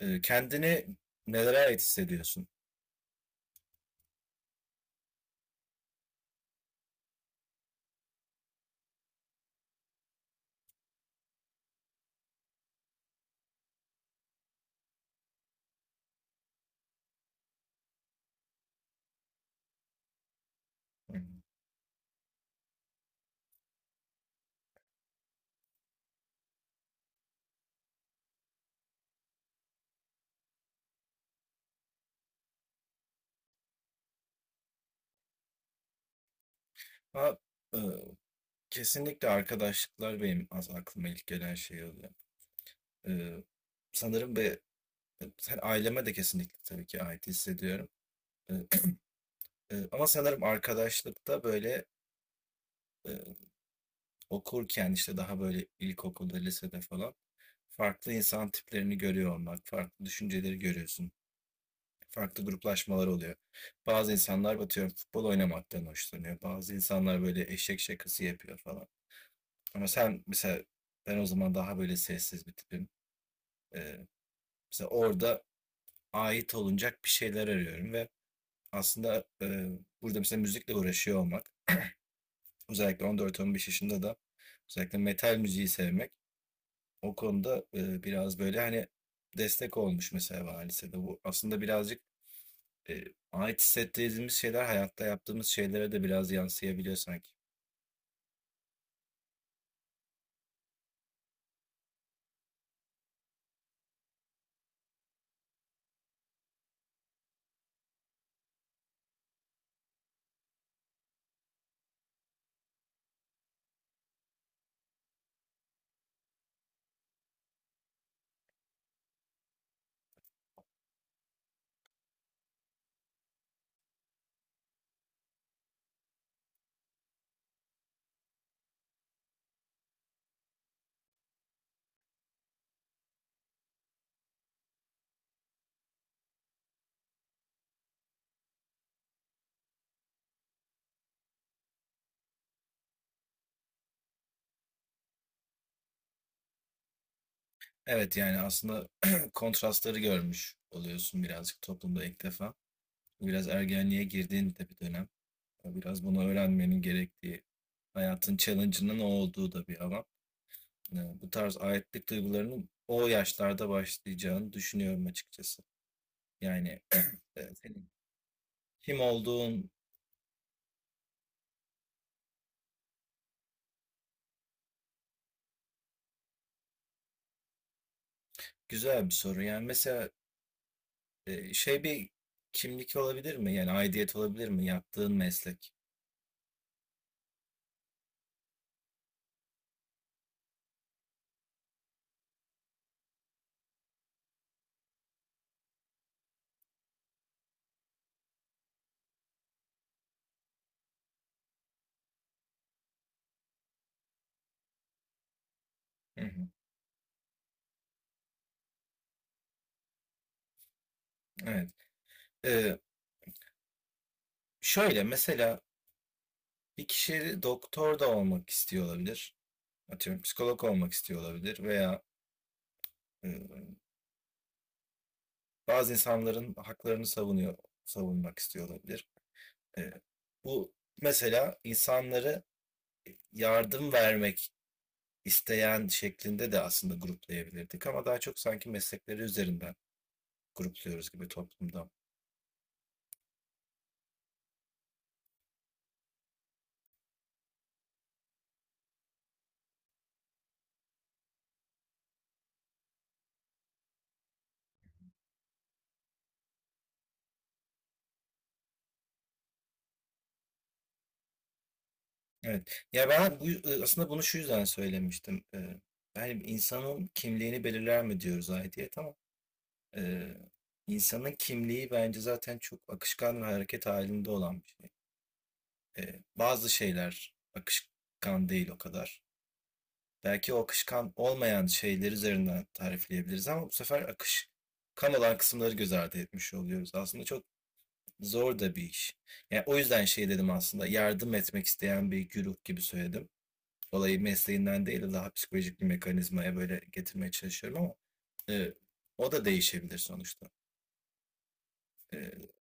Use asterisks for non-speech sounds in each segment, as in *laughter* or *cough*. Kendini nelere ait hissediyorsun? Ama e, kesinlikle arkadaşlıklar benim az aklıma ilk gelen şey oluyor. E, Sanırım ve sen aileme de kesinlikle tabii ki ait hissediyorum. E, Ama sanırım arkadaşlıkta böyle e, okurken işte daha böyle ilkokulda, lisede falan farklı insan tiplerini görüyor olmak, farklı düşünceleri görüyorsun. Farklı gruplaşmalar oluyor. Bazı insanlar atıyorum futbol oynamaktan hoşlanıyor. Bazı insanlar böyle eşek şakası yapıyor falan. Ama sen mesela ben o zaman daha böyle sessiz bir tipim. Ee, Mesela orada ait olunacak bir şeyler arıyorum ve aslında burada mesela müzikle uğraşıyor olmak özellikle 14-15 yaşında da özellikle metal müziği sevmek o konuda biraz böyle hani destek olmuş mesela bana lisede. Bu aslında birazcık e, ait hissettiğimiz şeyler hayatta yaptığımız şeylere de biraz yansıyabiliyor sanki. Evet yani aslında *clears throat* kontrastları görmüş oluyorsun birazcık toplumda ilk defa. Biraz ergenliğe girdiğin de bir dönem. Biraz bunu öğrenmenin gerektiği, hayatın challenge'ının o olduğu da bir alan. Yani bu tarz aitlik duygularının o yaşlarda başlayacağını düşünüyorum açıkçası. Yani *clears throat* senin kim olduğun güzel bir soru. Yani mesela şey bir kimlik olabilir mi? Yani aidiyet olabilir mi yaptığın meslek? Hı hı, evet. Eee, Şöyle mesela bir kişi doktor da olmak istiyor olabilir. Atıyorum psikolog olmak istiyor olabilir veya, eee, bazı insanların haklarını savunmak istiyor olabilir. Eee, Bu mesela insanları yardım vermek isteyen şeklinde de aslında gruplayabilirdik ama daha çok sanki meslekleri üzerinden grupluyoruz gibi toplumda. Evet. Ya ben bu, aslında bunu şu yüzden söylemiştim. Yani insanın kimliğini belirler mi diyoruz aidiyet ama e, insanın kimliği bence zaten çok akışkan ve hareket halinde olan bir şey. Bazı şeyler akışkan değil o kadar. Belki o akışkan olmayan şeyler üzerinden tarifleyebiliriz ama bu sefer akışkan olan kısımları göz ardı etmiş oluyoruz. Aslında çok zor da bir iş. Yani o yüzden şey dedim aslında yardım etmek isteyen bir güruh gibi söyledim. Olayı mesleğinden değil daha psikolojik bir mekanizmaya böyle getirmeye çalışıyorum ama e, o da değişebilir sonuçta. E,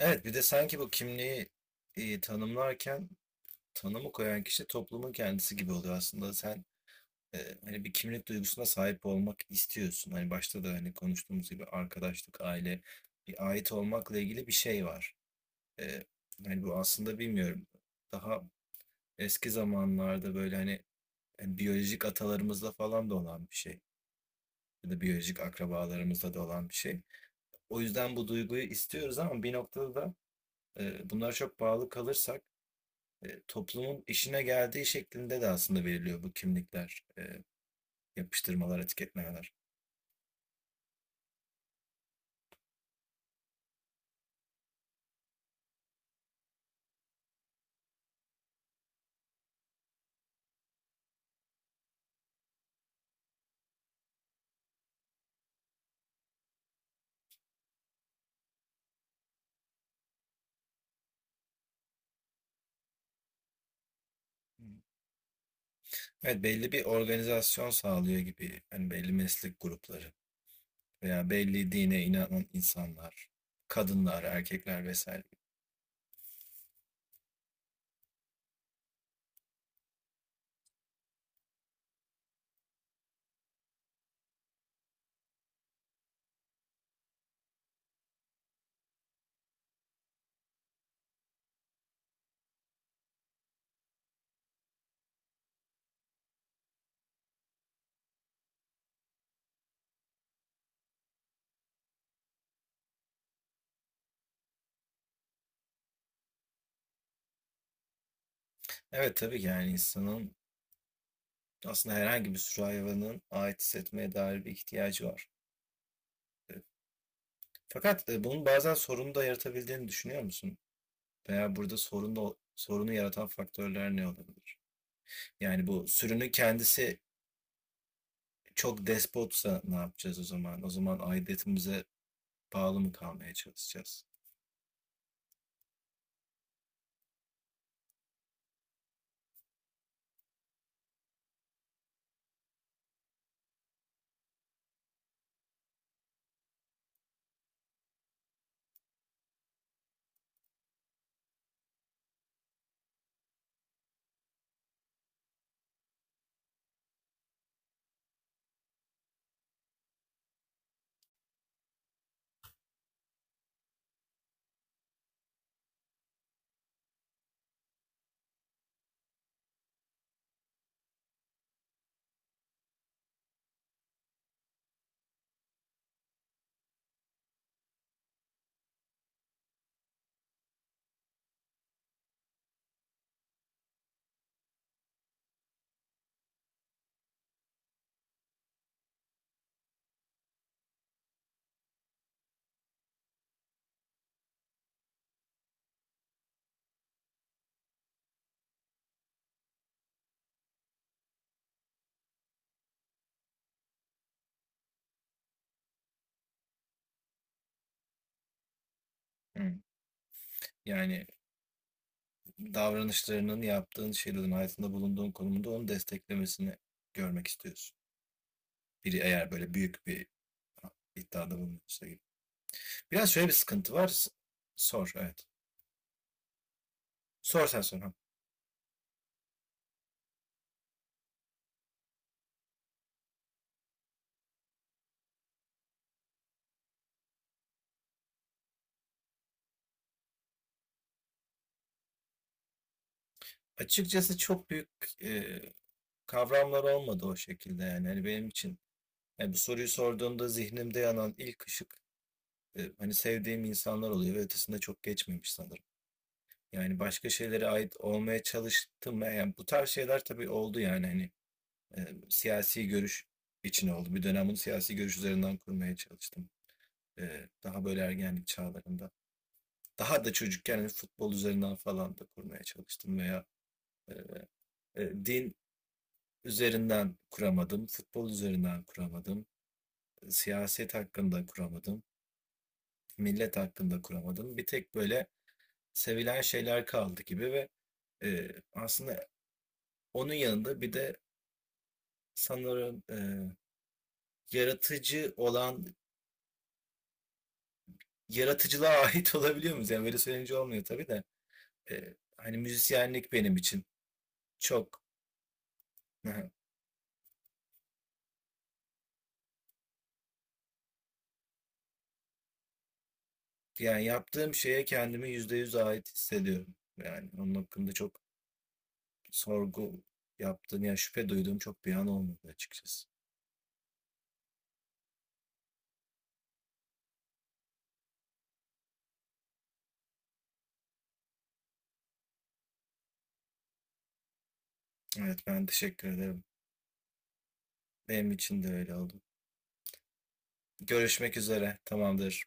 evet bir de sanki bu kimliği tanımlarken tanımı koyan kişi toplumun kendisi gibi oluyor aslında. Sen e, hani bir kimlik duygusuna sahip olmak istiyorsun. Hani başta da hani konuştuğumuz gibi arkadaşlık, aile, bir ait olmakla ilgili bir şey var. E, Hani bu aslında bilmiyorum. Daha eski zamanlarda böyle hani biyolojik atalarımızla falan da olan bir şey. Ya da biyolojik akrabalarımızda da olan bir şey. O yüzden bu duyguyu istiyoruz ama bir noktada da bunlara çok bağlı kalırsak toplumun işine geldiği şeklinde de aslında veriliyor bu kimlikler, yapıştırmalar, etiketlemeler. Evet belli bir organizasyon sağlıyor gibi. Hani belli meslek grupları veya belli dine inanan insanlar, kadınlar, erkekler vesaire. Evet tabii ki yani insanın aslında herhangi bir sürü hayvanın ait hissetmeye dair bir ihtiyacı var. Ee, Fakat bunun bazen sorunu da yaratabildiğini düşünüyor musun? Veya burada sorunu yaratan faktörler ne olabilir? Yani bu sürünün kendisi çok despotsa ne yapacağız o zaman? O zaman aidiyetimize bağlı mı kalmaya çalışacağız? Hı. Yani davranışlarının, yaptığın şeylerin, hayatında bulunduğun konumunda onu desteklemesini görmek istiyorsun. Biri eğer böyle büyük bir iddiada bulunuyorsa gibi. Biraz şöyle bir sıkıntı var. Sor, evet. Sor sen sonra. Açıkçası çok büyük e, kavramlar olmadı o şekilde yani. Hani benim için yani bu soruyu sorduğumda zihnimde yanan ilk ışık hani sevdiğim insanlar oluyor ve ötesinde çok geçmemiş sanırım. Yani başka şeylere ait olmaya çalıştım. Yani bu tarz şeyler tabii oldu yani hani siyasi görüş için oldu. Bir dönem bunu siyasi görüş üzerinden kurmaya çalıştım. Daha böyle ergenlik çağlarında. Daha da çocukken hani futbol üzerinden falan da kurmaya çalıştım veya e, din üzerinden kuramadım, futbol üzerinden kuramadım. Siyaset hakkında kuramadım, millet hakkında kuramadım. Bir tek böyle sevilen şeyler kaldı gibi ve aslında onun yanında bir de sanırım yaratıcı olan yaratıcılığa *laughs* ait olabiliyor muyuz? Yani böyle söyleyince olmuyor tabii de. Hani müzisyenlik benim için çok *laughs* yani yaptığım şeye kendimi %100 ait hissediyorum. Yani onun hakkında çok sorgu yaptığım ya şüphe duyduğum çok bir an olmadı açıkçası. Evet ben teşekkür ederim. Benim için de öyle oldu. Görüşmek üzere. Tamamdır.